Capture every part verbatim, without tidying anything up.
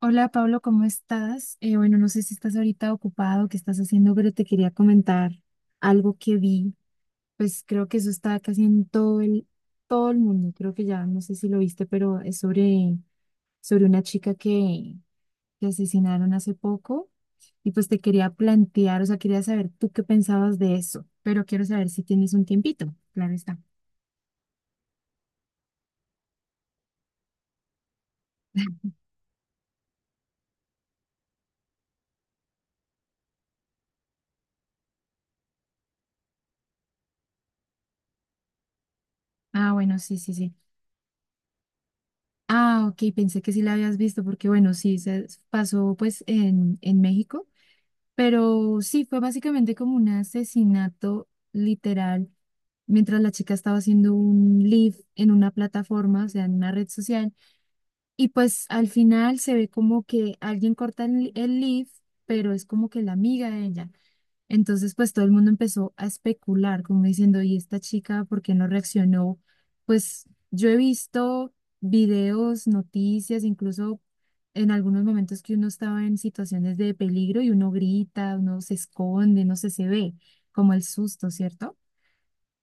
Hola Pablo, ¿cómo estás? Eh, bueno, no sé si estás ahorita ocupado, qué estás haciendo, pero te quería comentar algo que vi. Pues creo que eso está casi en todo el, todo el mundo. Creo que ya, no sé si lo viste, pero es sobre, sobre una chica que, que asesinaron hace poco. Y pues te quería plantear, o sea, quería saber tú qué pensabas de eso, pero quiero saber si tienes un tiempito. Claro está. Ah, bueno, sí, sí, sí. Ah, ok, pensé que sí la habías visto, porque bueno, sí, se pasó pues en, en México. Pero sí, fue básicamente como un asesinato literal mientras la chica estaba haciendo un live en una plataforma, o sea, en una red social. Y pues al final se ve como que alguien corta el, el live, pero es como que la amiga de ella. Entonces, pues todo el mundo empezó a especular, como diciendo, ¿y esta chica por qué no reaccionó? Pues yo he visto videos, noticias, incluso en algunos momentos que uno estaba en situaciones de peligro y uno grita, uno se esconde, no sé, se ve como el susto, ¿cierto?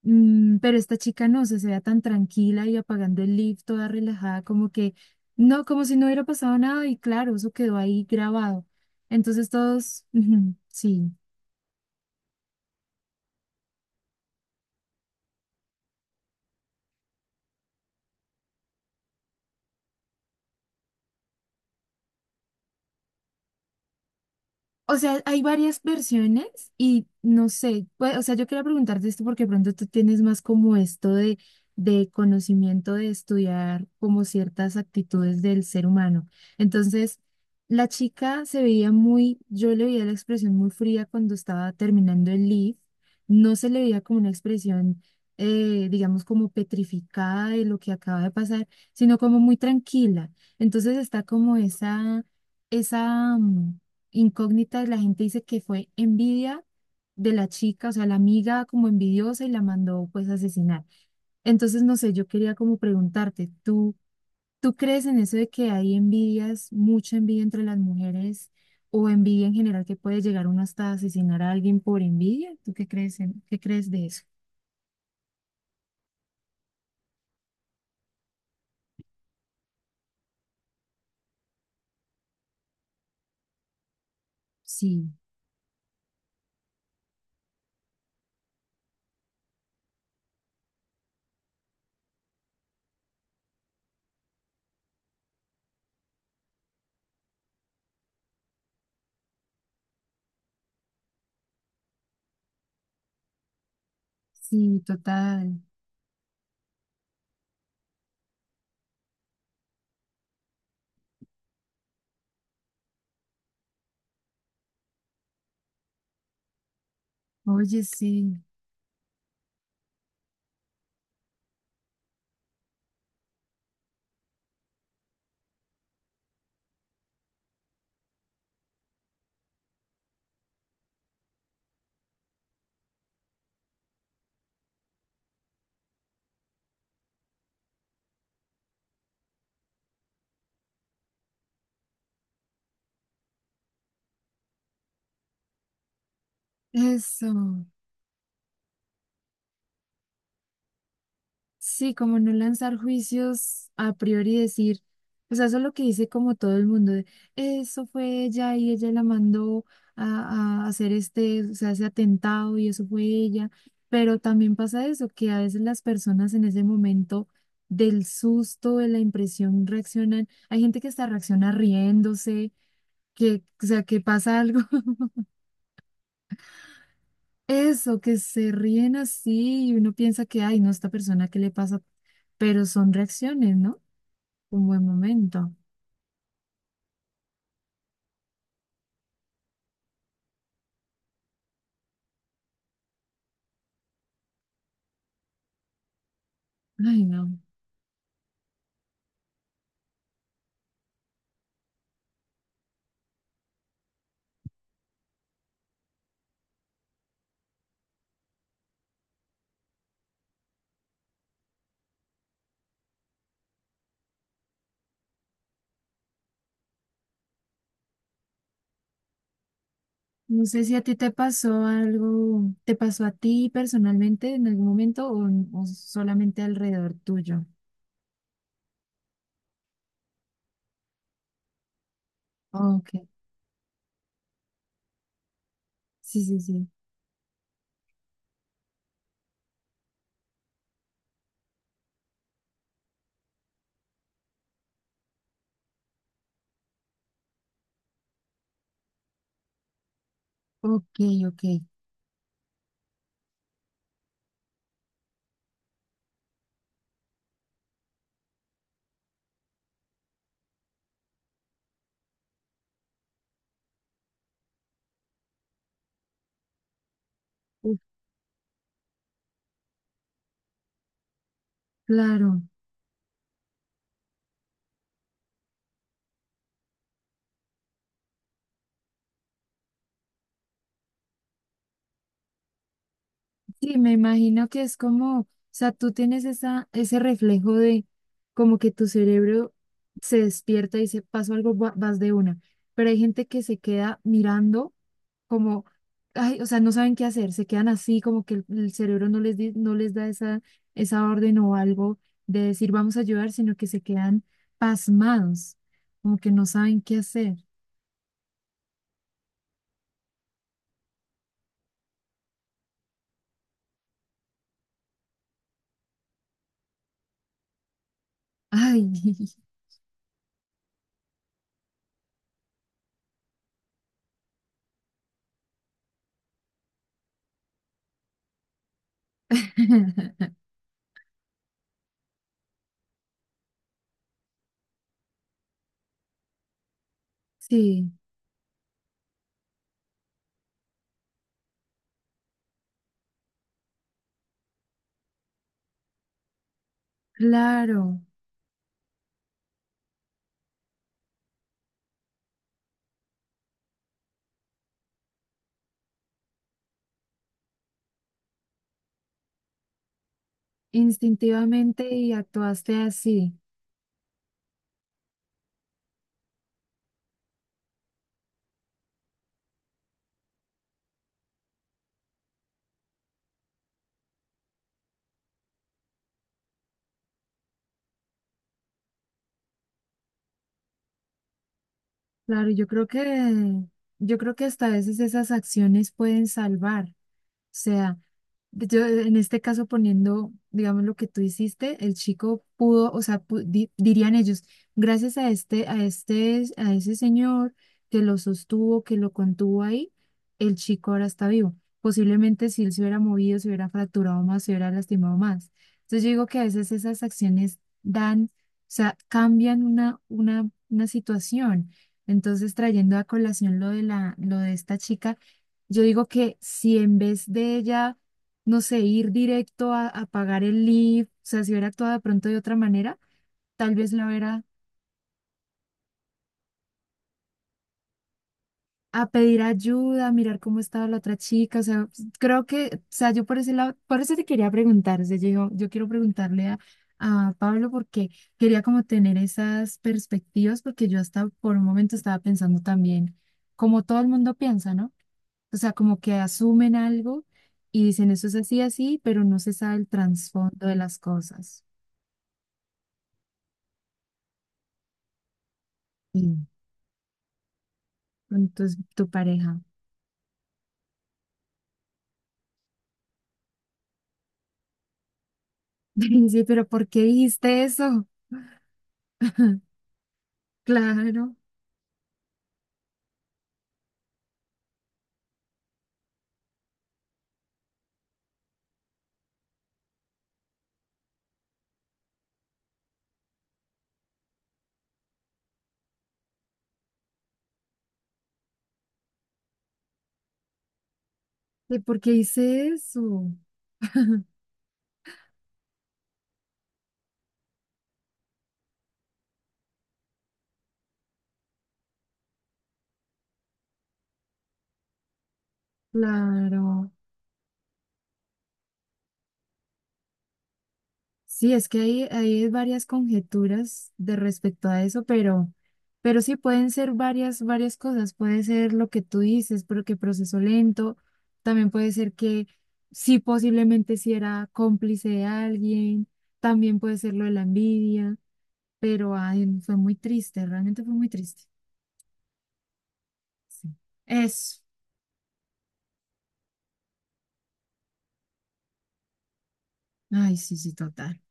Mm, pero esta chica no, se se veía tan tranquila y apagando el lift, toda relajada, como que no, como si no hubiera pasado nada y claro, eso quedó ahí grabado. Entonces todos, ujú, sí. O sea, hay varias versiones y no sé, pues, o sea, yo quería preguntarte esto porque pronto tú tienes más como esto de, de conocimiento de estudiar como ciertas actitudes del ser humano. Entonces, la chica se veía muy, yo le veía la expresión muy fría cuando estaba terminando el lead, no se le veía como una expresión, eh, digamos, como petrificada de lo que acaba de pasar, sino como muy tranquila. Entonces está como esa, esa... mm, incógnitas, la gente dice que fue envidia de la chica, o sea, la amiga como envidiosa y la mandó pues a asesinar. Entonces, no sé, yo quería como preguntarte, ¿tú, ¿tú crees en eso de que hay envidias, mucha envidia entre las mujeres o envidia en general que puede llegar uno hasta asesinar a alguien por envidia? ¿Tú qué crees en, qué crees de eso? Sí, sí, total. Oye, sí, eso. Sí, como no lanzar juicios a priori y decir, o sea, eso es lo que dice como todo el mundo, de, eso fue ella y ella la mandó a, a hacer este, o sea, ese atentado y eso fue ella, pero también pasa eso, que a veces las personas en ese momento del susto, de la impresión, reaccionan, hay gente que hasta reacciona riéndose, que, o sea, que pasa algo. Eso, que se ríen así y uno piensa que, ay, no, esta persona, ¿qué le pasa? Pero son reacciones, ¿no? Un buen momento. Ay, no. No sé si a ti te pasó algo, te pasó a ti personalmente en algún momento o, o solamente alrededor tuyo. Ok, sí, sí, sí. Ok, ok. Uf, claro. Sí, me imagino que es como, o sea, tú tienes esa, ese reflejo de como que tu cerebro se despierta y se pasó algo, va- vas de una. Pero hay gente que se queda mirando. Como, ay, o sea, no saben qué hacer, se quedan así, como que el, el cerebro no les, di- no les da esa, esa orden o algo de decir vamos a ayudar, sino que se quedan pasmados, como que no saben qué hacer. Ay, sí, claro, instintivamente y actuaste así. Claro, yo creo que, yo creo que hasta a veces esas acciones pueden salvar. Sea, yo en este caso poniendo, digamos, lo que tú hiciste, el chico pudo, o sea, pu- di- dirían ellos, gracias a este, a este, a ese señor que lo sostuvo, que lo contuvo ahí, el chico ahora está vivo. Posiblemente si él se hubiera movido, se hubiera fracturado más, se hubiera lastimado más. Entonces yo digo que a veces esas acciones dan, o sea, cambian una, una, una situación. Entonces, trayendo a colación lo de la, lo de esta chica yo digo que si en vez de ella, no sé, ir directo a, a pagar el lift, o sea, si hubiera actuado de pronto de otra manera, tal vez la hubiera a pedir ayuda, a mirar cómo estaba la otra chica, o sea, pues, creo que, o sea, yo por ese lado, por eso te quería preguntar, o sea, yo, digo, yo quiero preguntarle a, a Pablo porque quería como tener esas perspectivas, porque yo hasta por un momento estaba pensando también, como todo el mundo piensa, ¿no? O sea, como que asumen algo y dicen eso es así, así, pero no se sabe el trasfondo de las cosas. Y entonces tu tu pareja. Sí, pero ¿por qué dijiste eso? Claro, ¿de por qué hice eso? Claro. Sí, es que hay, hay varias conjeturas de respecto a eso, pero, pero sí pueden ser varias, varias cosas. Puede ser lo que tú dices, pero que proceso lento. También puede ser que sí, posiblemente si era cómplice de alguien. También puede ser lo de la envidia, pero ay, fue muy triste, realmente fue muy triste. Sí. Eso. Ay, sí, sí, total.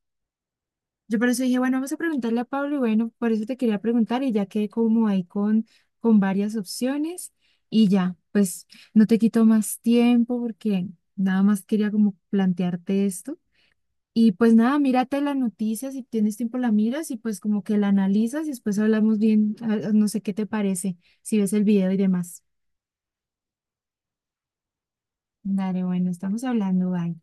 Yo por eso dije, bueno, vamos a preguntarle a Pablo y bueno, por eso te quería preguntar y ya quedé como ahí con, con varias opciones y ya, pues no te quito más tiempo porque nada más quería como plantearte esto. Y pues nada, mírate la noticia, si tienes tiempo la miras y pues como que la analizas y después hablamos bien, ah, ah, no sé qué te parece, si ves el video y demás. Dale, bueno, estamos hablando, bye.